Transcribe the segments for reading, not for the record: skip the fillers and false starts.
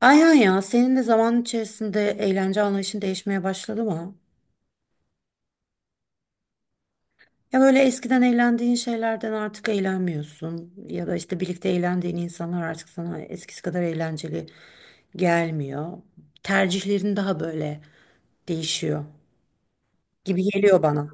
Aynen ya senin de zaman içerisinde eğlence anlayışın değişmeye başladı mı? Ya böyle eskiden eğlendiğin şeylerden artık eğlenmiyorsun ya da işte birlikte eğlendiğin insanlar artık sana eskisi kadar eğlenceli gelmiyor. Tercihlerin daha böyle değişiyor gibi geliyor bana.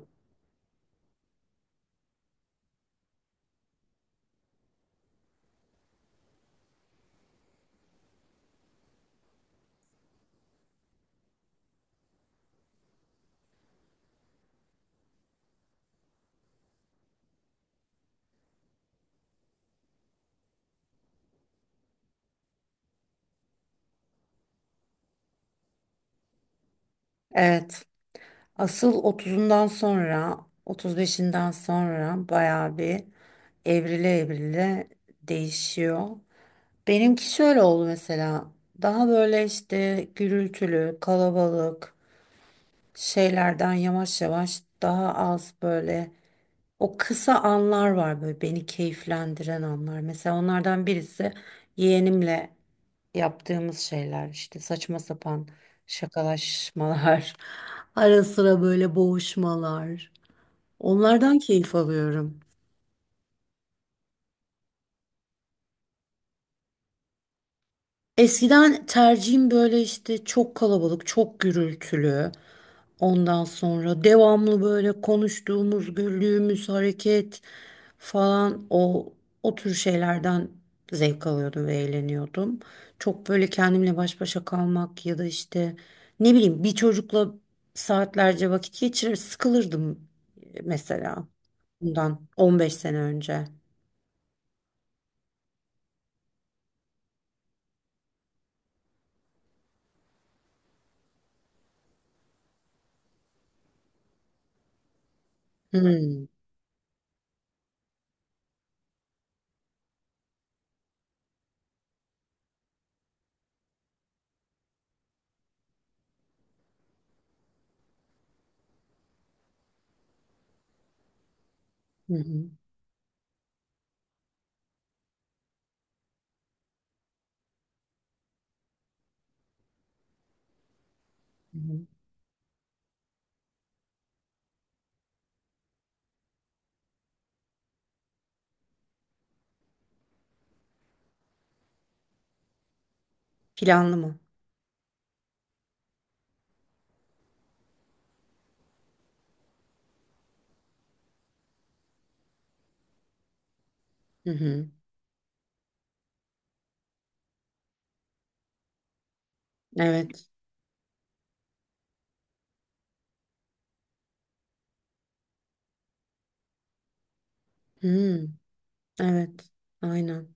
Evet. Asıl otuzundan sonra otuz beşinden sonra bayağı bir evrile evrile değişiyor. Benimki şöyle oldu mesela. Daha böyle işte gürültülü, kalabalık şeylerden yavaş yavaş daha az böyle o kısa anlar var böyle beni keyiflendiren anlar. Mesela onlardan birisi yeğenimle yaptığımız şeyler işte saçma sapan şakalaşmalar, ara sıra böyle boğuşmalar. Onlardan keyif alıyorum. Eskiden tercihim böyle işte çok kalabalık, çok gürültülü. Ondan sonra devamlı böyle konuştuğumuz, güldüğümüz hareket falan o tür şeylerden zevk alıyordum ve eğleniyordum. Çok böyle kendimle baş başa kalmak ya da işte ne bileyim bir çocukla saatlerce vakit geçirir sıkılırdım mesela bundan 15 sene önce. Hmm. Hı hı. Hı hı. Planlı mı? Hı hı. Evet. Hmm, evet, aynen.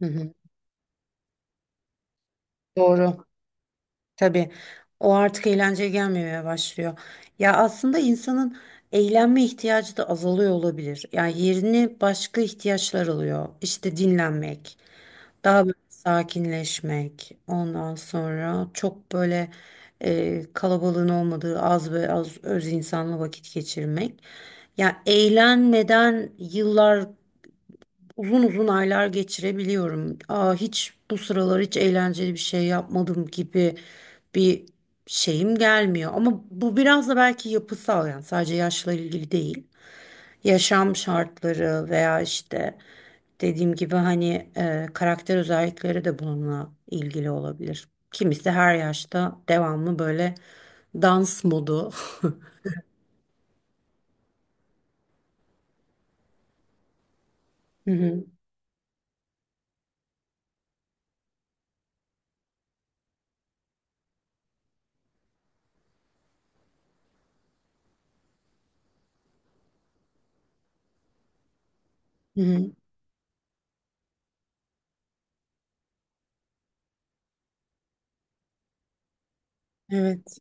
Hı hı, doğru. Tabii. O artık eğlenceye gelmemeye başlıyor. Ya aslında insanın eğlenme ihtiyacı da azalıyor olabilir. Yani yerini başka ihtiyaçlar alıyor. İşte dinlenmek, daha böyle sakinleşmek. Ondan sonra çok böyle kalabalığın olmadığı az ve az öz insanla vakit geçirmek. Ya eğlenmeden yıllar, uzun uzun aylar geçirebiliyorum. Aa, hiç bu sıralar hiç eğlenceli bir şey yapmadım gibi bir şeyim gelmiyor. Ama bu biraz da belki yapısal, yani sadece yaşla ilgili değil. Yaşam şartları veya işte dediğim gibi hani karakter özellikleri de bununla ilgili olabilir. Kimisi her yaşta devamlı böyle dans modu. Hı hı. Hı hı. Evet.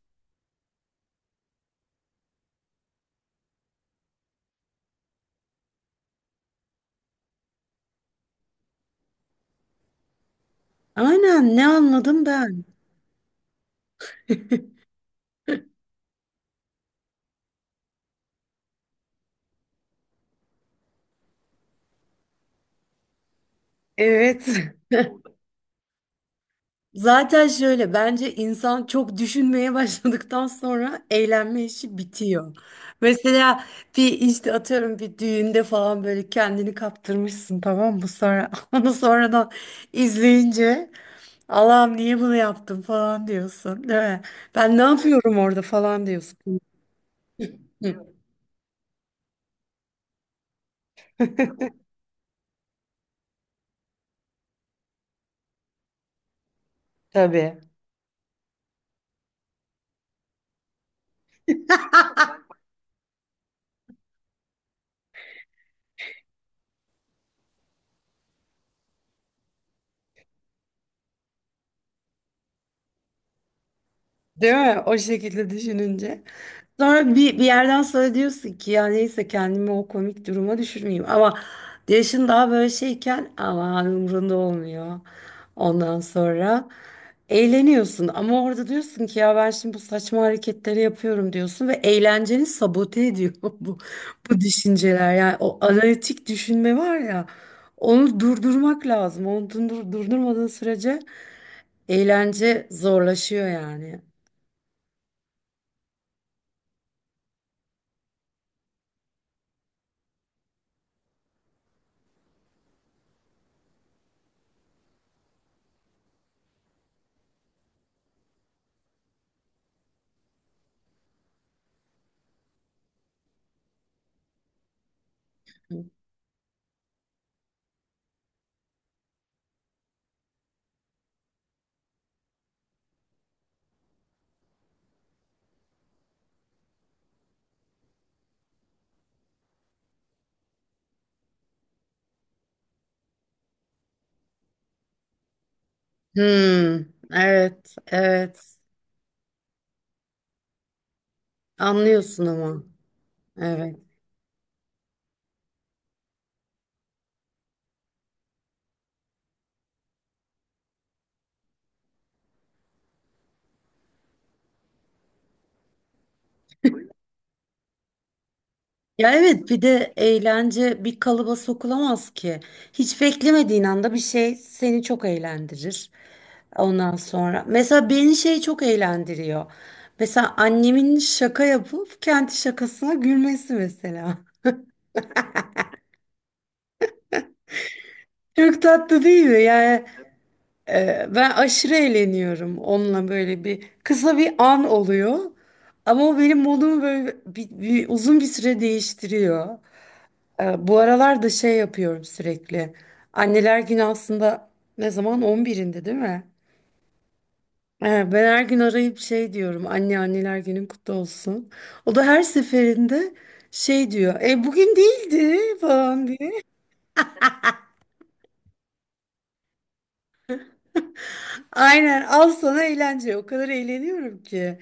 Aynen, ne anladım ben? Evet. Zaten şöyle, bence insan çok düşünmeye başladıktan sonra eğlenme işi bitiyor. Mesela bir işte atıyorum bir düğünde falan böyle kendini kaptırmışsın, tamam mı? Sonra onu sonradan izleyince Allah'ım niye bunu yaptım falan diyorsun, değil mi? Ben ne yapıyorum orada falan diyorsun. Hı, tabii. Değil mi? O şekilde düşününce. Sonra bir yerden sonra diyorsun ki ya neyse, kendimi o komik duruma düşürmeyeyim. Ama yaşın daha böyle şeyken aman, umurunda olmuyor. Ondan sonra eğleniyorsun. Ama orada diyorsun ki ya ben şimdi bu saçma hareketleri yapıyorum diyorsun. Ve eğlenceni sabote ediyor bu düşünceler. Yani o analitik düşünme var ya, onu durdurmak lazım. Onu durdurmadığın sürece eğlence zorlaşıyor yani. Hmm, evet, evet. Anlıyorsun ama. Evet. Ya evet, bir de eğlence bir kalıba sokulamaz ki. Hiç beklemediğin anda bir şey seni çok eğlendirir. Ondan sonra mesela beni şey çok eğlendiriyor. Mesela annemin şaka yapıp kendi şakasına gülmesi mesela. Çok tatlı değil mi? Yani. Ben aşırı eğleniyorum onunla, böyle bir kısa bir an oluyor. Ama o benim modumu böyle uzun bir süre değiştiriyor. Bu aralar da şey yapıyorum sürekli. Anneler Günü aslında ne zaman? 11'inde değil mi? Ben her gün arayıp şey diyorum. Anne, anneler günün kutlu olsun. O da her seferinde şey diyor. E bugün değildi falan diye. Aynen, al sana eğlence. O kadar eğleniyorum ki.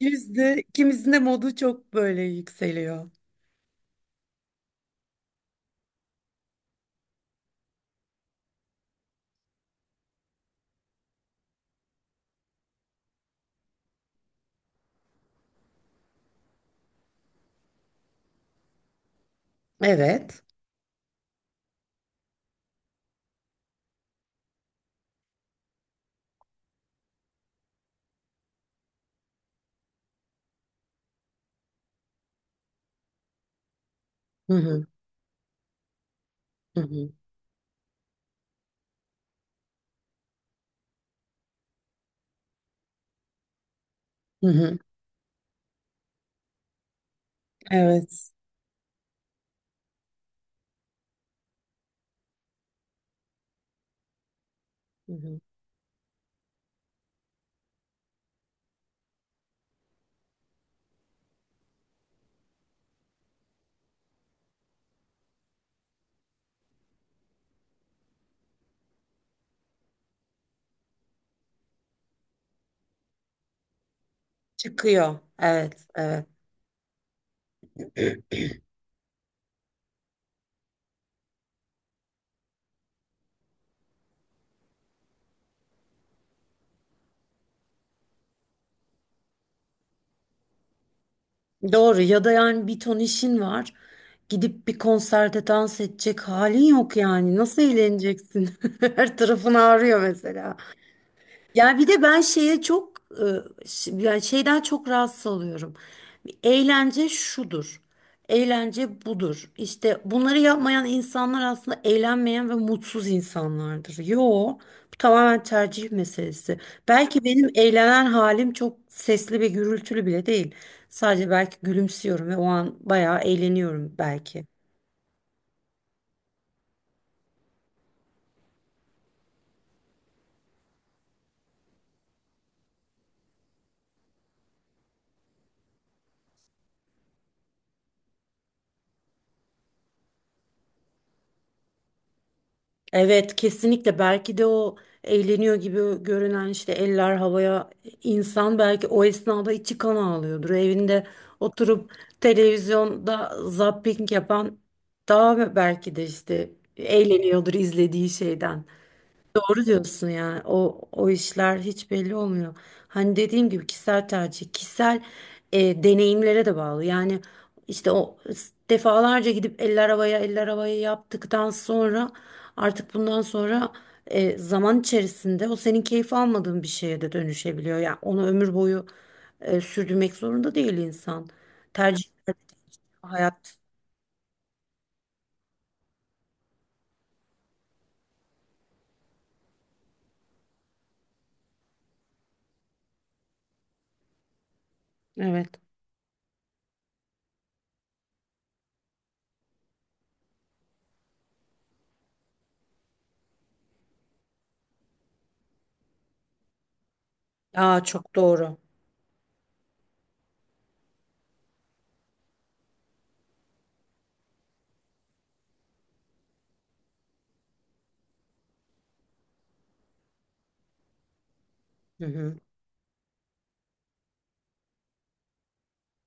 Yüzde ikimizin de modu çok böyle yükseliyor. Evet. Hı hı. Hı hı. Hı hı. Evet. Hı hı. Çıkıyor. Evet, evet. Doğru, ya da yani bir ton işin var. Gidip bir konserde dans edecek halin yok yani. Nasıl eğleneceksin? Her tarafın ağrıyor mesela. Ya bir de ben şeye çok yani şeyden çok rahatsız oluyorum. Eğlence şudur. Eğlence budur. İşte bunları yapmayan insanlar aslında eğlenmeyen ve mutsuz insanlardır. Yo, bu tamamen tercih meselesi. Belki benim eğlenen halim çok sesli ve gürültülü bile değil. Sadece belki gülümsüyorum ve o an bayağı eğleniyorum belki. Evet, kesinlikle. Belki de o eğleniyor gibi görünen, işte eller havaya, insan belki o esnada içi kan ağlıyordur. Evinde oturup televizyonda zapping yapan daha belki de işte eğleniyordur izlediği şeyden. Doğru diyorsun, yani o işler hiç belli olmuyor. Hani dediğim gibi kişisel tercih, kişisel deneyimlere de bağlı. Yani işte defalarca gidip eller havaya eller havaya yaptıktan sonra, artık bundan sonra zaman içerisinde o senin keyif almadığın bir şeye de dönüşebiliyor. Yani onu ömür boyu sürdürmek zorunda değil insan. Tercih hayat. Evet. Aa, çok doğru. Hı hı.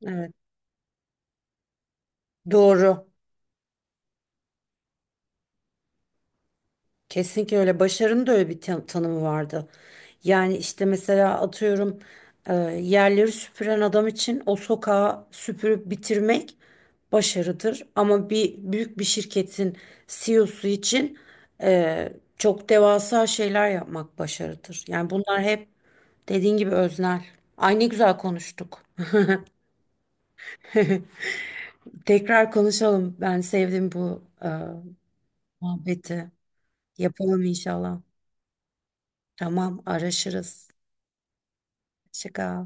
Evet. Doğru. Kesinlikle öyle. Başarının da öyle bir tanımı vardı. Yani işte mesela atıyorum, e, yerleri süpüren adam için o sokağı süpürüp bitirmek başarıdır. Ama bir büyük bir şirketin CEO'su için e, çok devasa şeyler yapmak başarıdır. Yani bunlar hep dediğin gibi öznel. Ay, ne güzel konuştuk. Tekrar konuşalım. Ben sevdim bu muhabbeti. Yapalım inşallah. Tamam, araşırız. Şikar.